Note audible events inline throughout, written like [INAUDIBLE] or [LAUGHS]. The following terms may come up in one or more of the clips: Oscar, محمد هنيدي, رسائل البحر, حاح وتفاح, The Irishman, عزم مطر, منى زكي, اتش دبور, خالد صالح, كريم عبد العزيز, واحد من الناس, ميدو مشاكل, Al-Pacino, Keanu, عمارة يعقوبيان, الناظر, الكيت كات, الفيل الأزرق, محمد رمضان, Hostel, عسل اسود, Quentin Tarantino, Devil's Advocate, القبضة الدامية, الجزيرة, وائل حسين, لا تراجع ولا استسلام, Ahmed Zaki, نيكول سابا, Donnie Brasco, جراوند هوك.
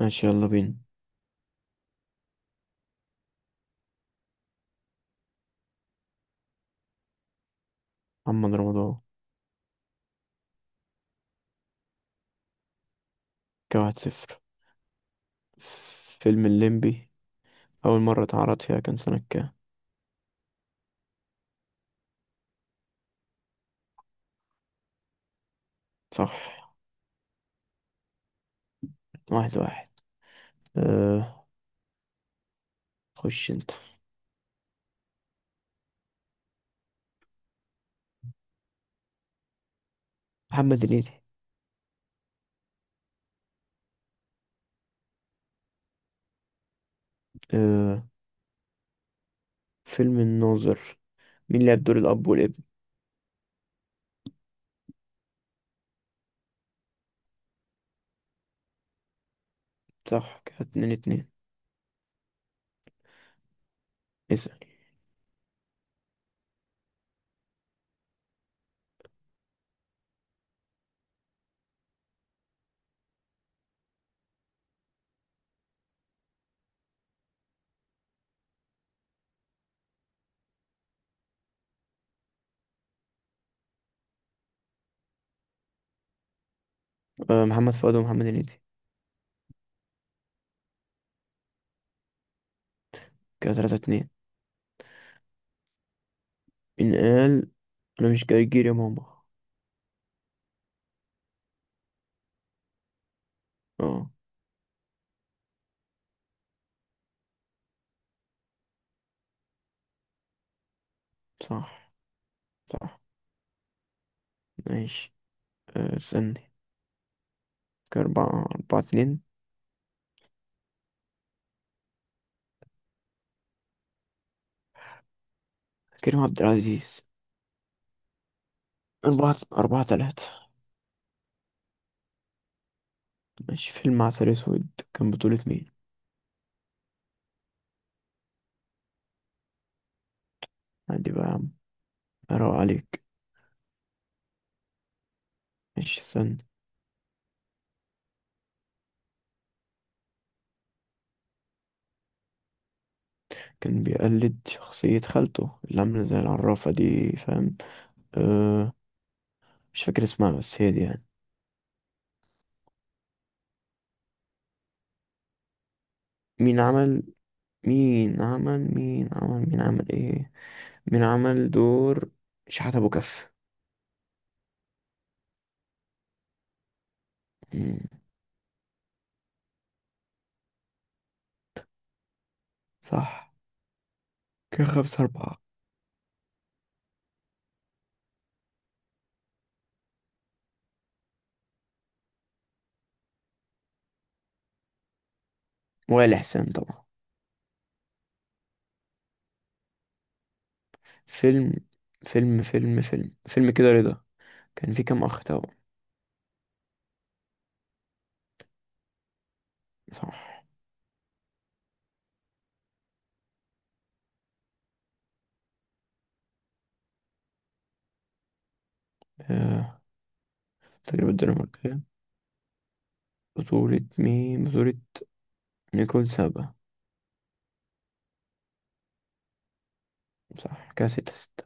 ماشي، يلا بينا. محمد رمضان. كده 1-0. فيلم الليمبي، أول مرة اتعرض فيها كان سنة كام؟ صح. 1-1. أه. خش انت. محمد هنيدي. أه فيلم الناظر، مين لعب دور الأب والابن؟ صح، كده 2-2. اسأل. محمد فؤاد ومحمد هنيدي. كده 3-2. إن قال: أنا مش جرجير يا ماما. اه. صح، صح. ماشي. استني. كده 4-2. كريم عبد العزيز. 4-3. ماشي، فيلم عسل اسود، كان بطولة مين؟ عندي بقى يا عم، اروق عليك. ماشي، استنى. كان بيقلد شخصية خالته اللي عاملة زي العرافة دي، فاهم؟ أه. مش فاكر اسمها بس هي دي يعني. مين عمل مين عمل مين عمل مين عمل ايه مين عمل دور شحات ابو كف. مم، صح. كان 5-4. وائل حسين طبعا. فيلم فيلم كده رضا، كان فيه كام أخ توأم؟ صح. أه تجربة الدنماركية. بطولة مين؟ نيكول سابا. صح، كده 6-6.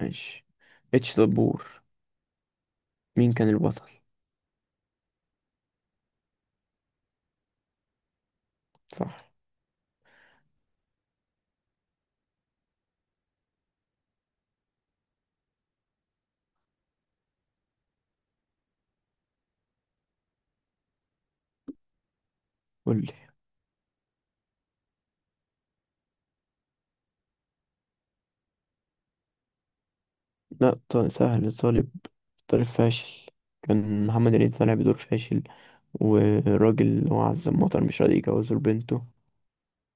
ماشي. اتش دبور، مين كان البطل؟ صح. قولي. لا، سهل. طالب فاشل. كان محمد هنيدي طالع بدور فاشل، وراجل اللي هو عزم مطر مش راضي يجوزه لبنته،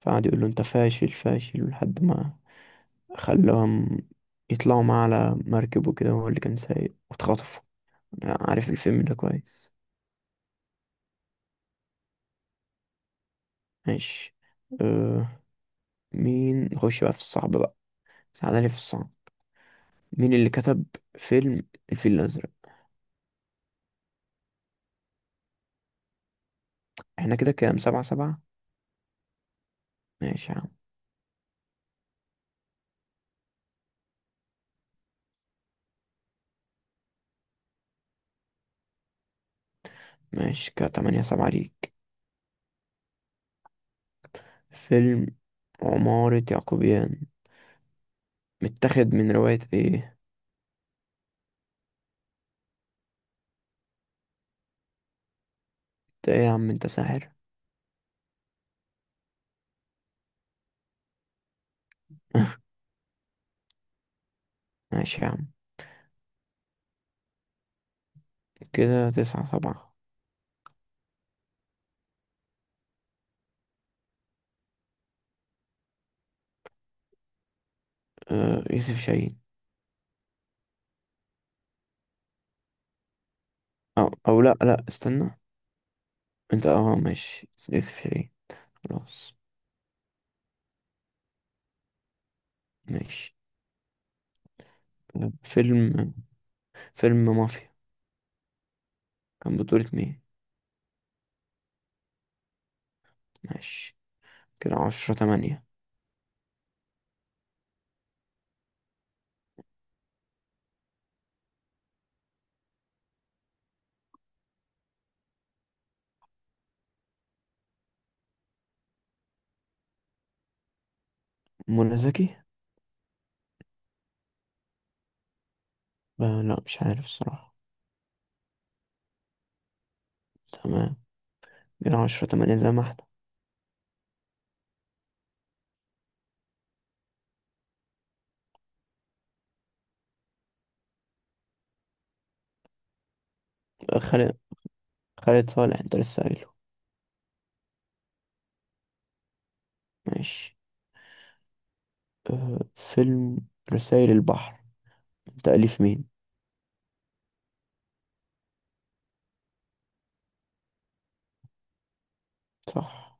فقعد يقول له: انت فاشل فاشل لحد ما خلاهم يطلعوا معاه على مركب، وكده هو اللي كان سايق واتخطفوا. عارف الفيلم ده كويس. ماشي. أه مين نخش بقى في الصعب بقى؟ سعادة في الصعب. مين اللي كتب فيلم الفيل الأزرق؟ احنا كده كام؟ 7-7. ماشي يا عم. ماشي، كده 8-7 ليك. فيلم عمارة يعقوبيان، متاخد من رواية ايه؟ انت ايه يا عم؟ انت ساحر. [LAUGHS] ماشي يا عم. كده 9-7. أه، يوسف شاهين. أو, أو لأ لأ، استنى. انت، اه، ماشي يوسف شاهين. خلاص. ماشي. فيلم فيلم مافيا، كان بطولة مين؟ ماشي، كده 10-8. منى زكي. لا، مش عارف الصراحة. تمام، كده 10-8 زي ما احنا. آه، خالد خالد صالح، انت لسه قايله. ماشي. فيلم رسائل البحر، من تأليف مين؟ صح،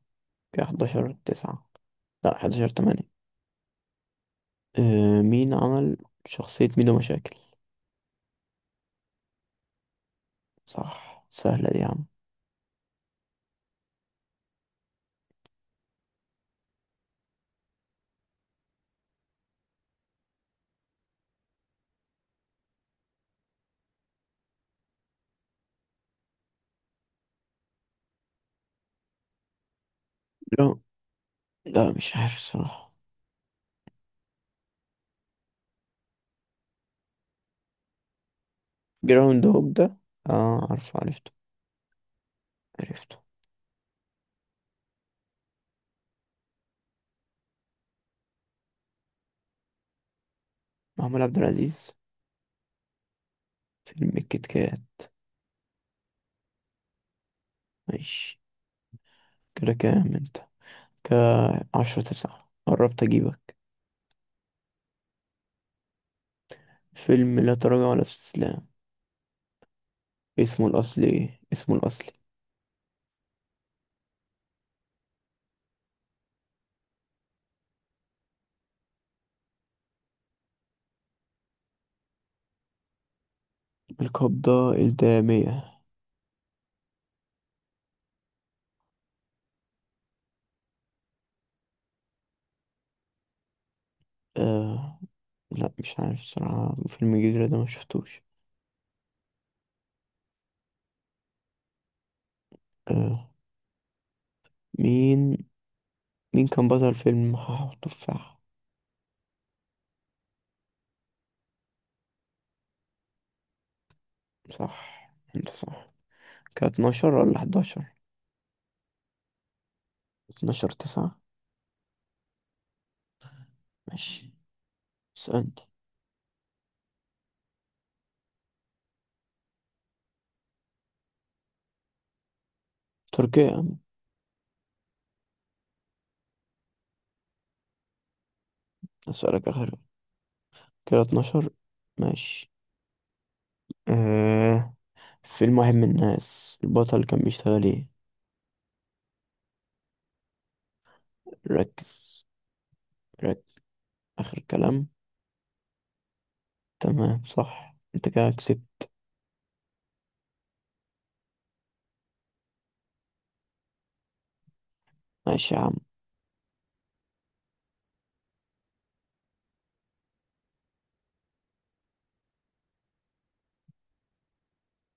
كده 11-9. لا، 11-8. مين عمل شخصية ميدو مشاكل؟ صح، سهلة دي يا عم. جرا- لا، مش عارف الصراحة. جراوند هوك ده. اه، عارفه، عرفته. عرفته. محمود عبد العزيز. فيلم الكيت كات. ماشي، كده كام انت؟ كعشرة تسعة، قربت اجيبك. فيلم لا تراجع ولا استسلام، اسمه الأصلي إيه؟ اسمه الأصلي. القبضة الدامية. آه لا، مش عارف الصراحة. فيلم الجزيرة ده ما شفتوش. آه مين مين كان بطل فيلم حاح وتفاح؟ صح انت صح. كانت 12 ولا 11، 12-9. ماشي، اسألني. تركيا. أسألك آخر كده، 12. ماشي. آه فيلم واحد من الناس، البطل كان بيشتغل ايه؟ ركز، ركز، آخر كلام. تمام، صح انت، كده كسبت. ماشي يا عم،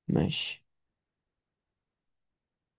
ماشي.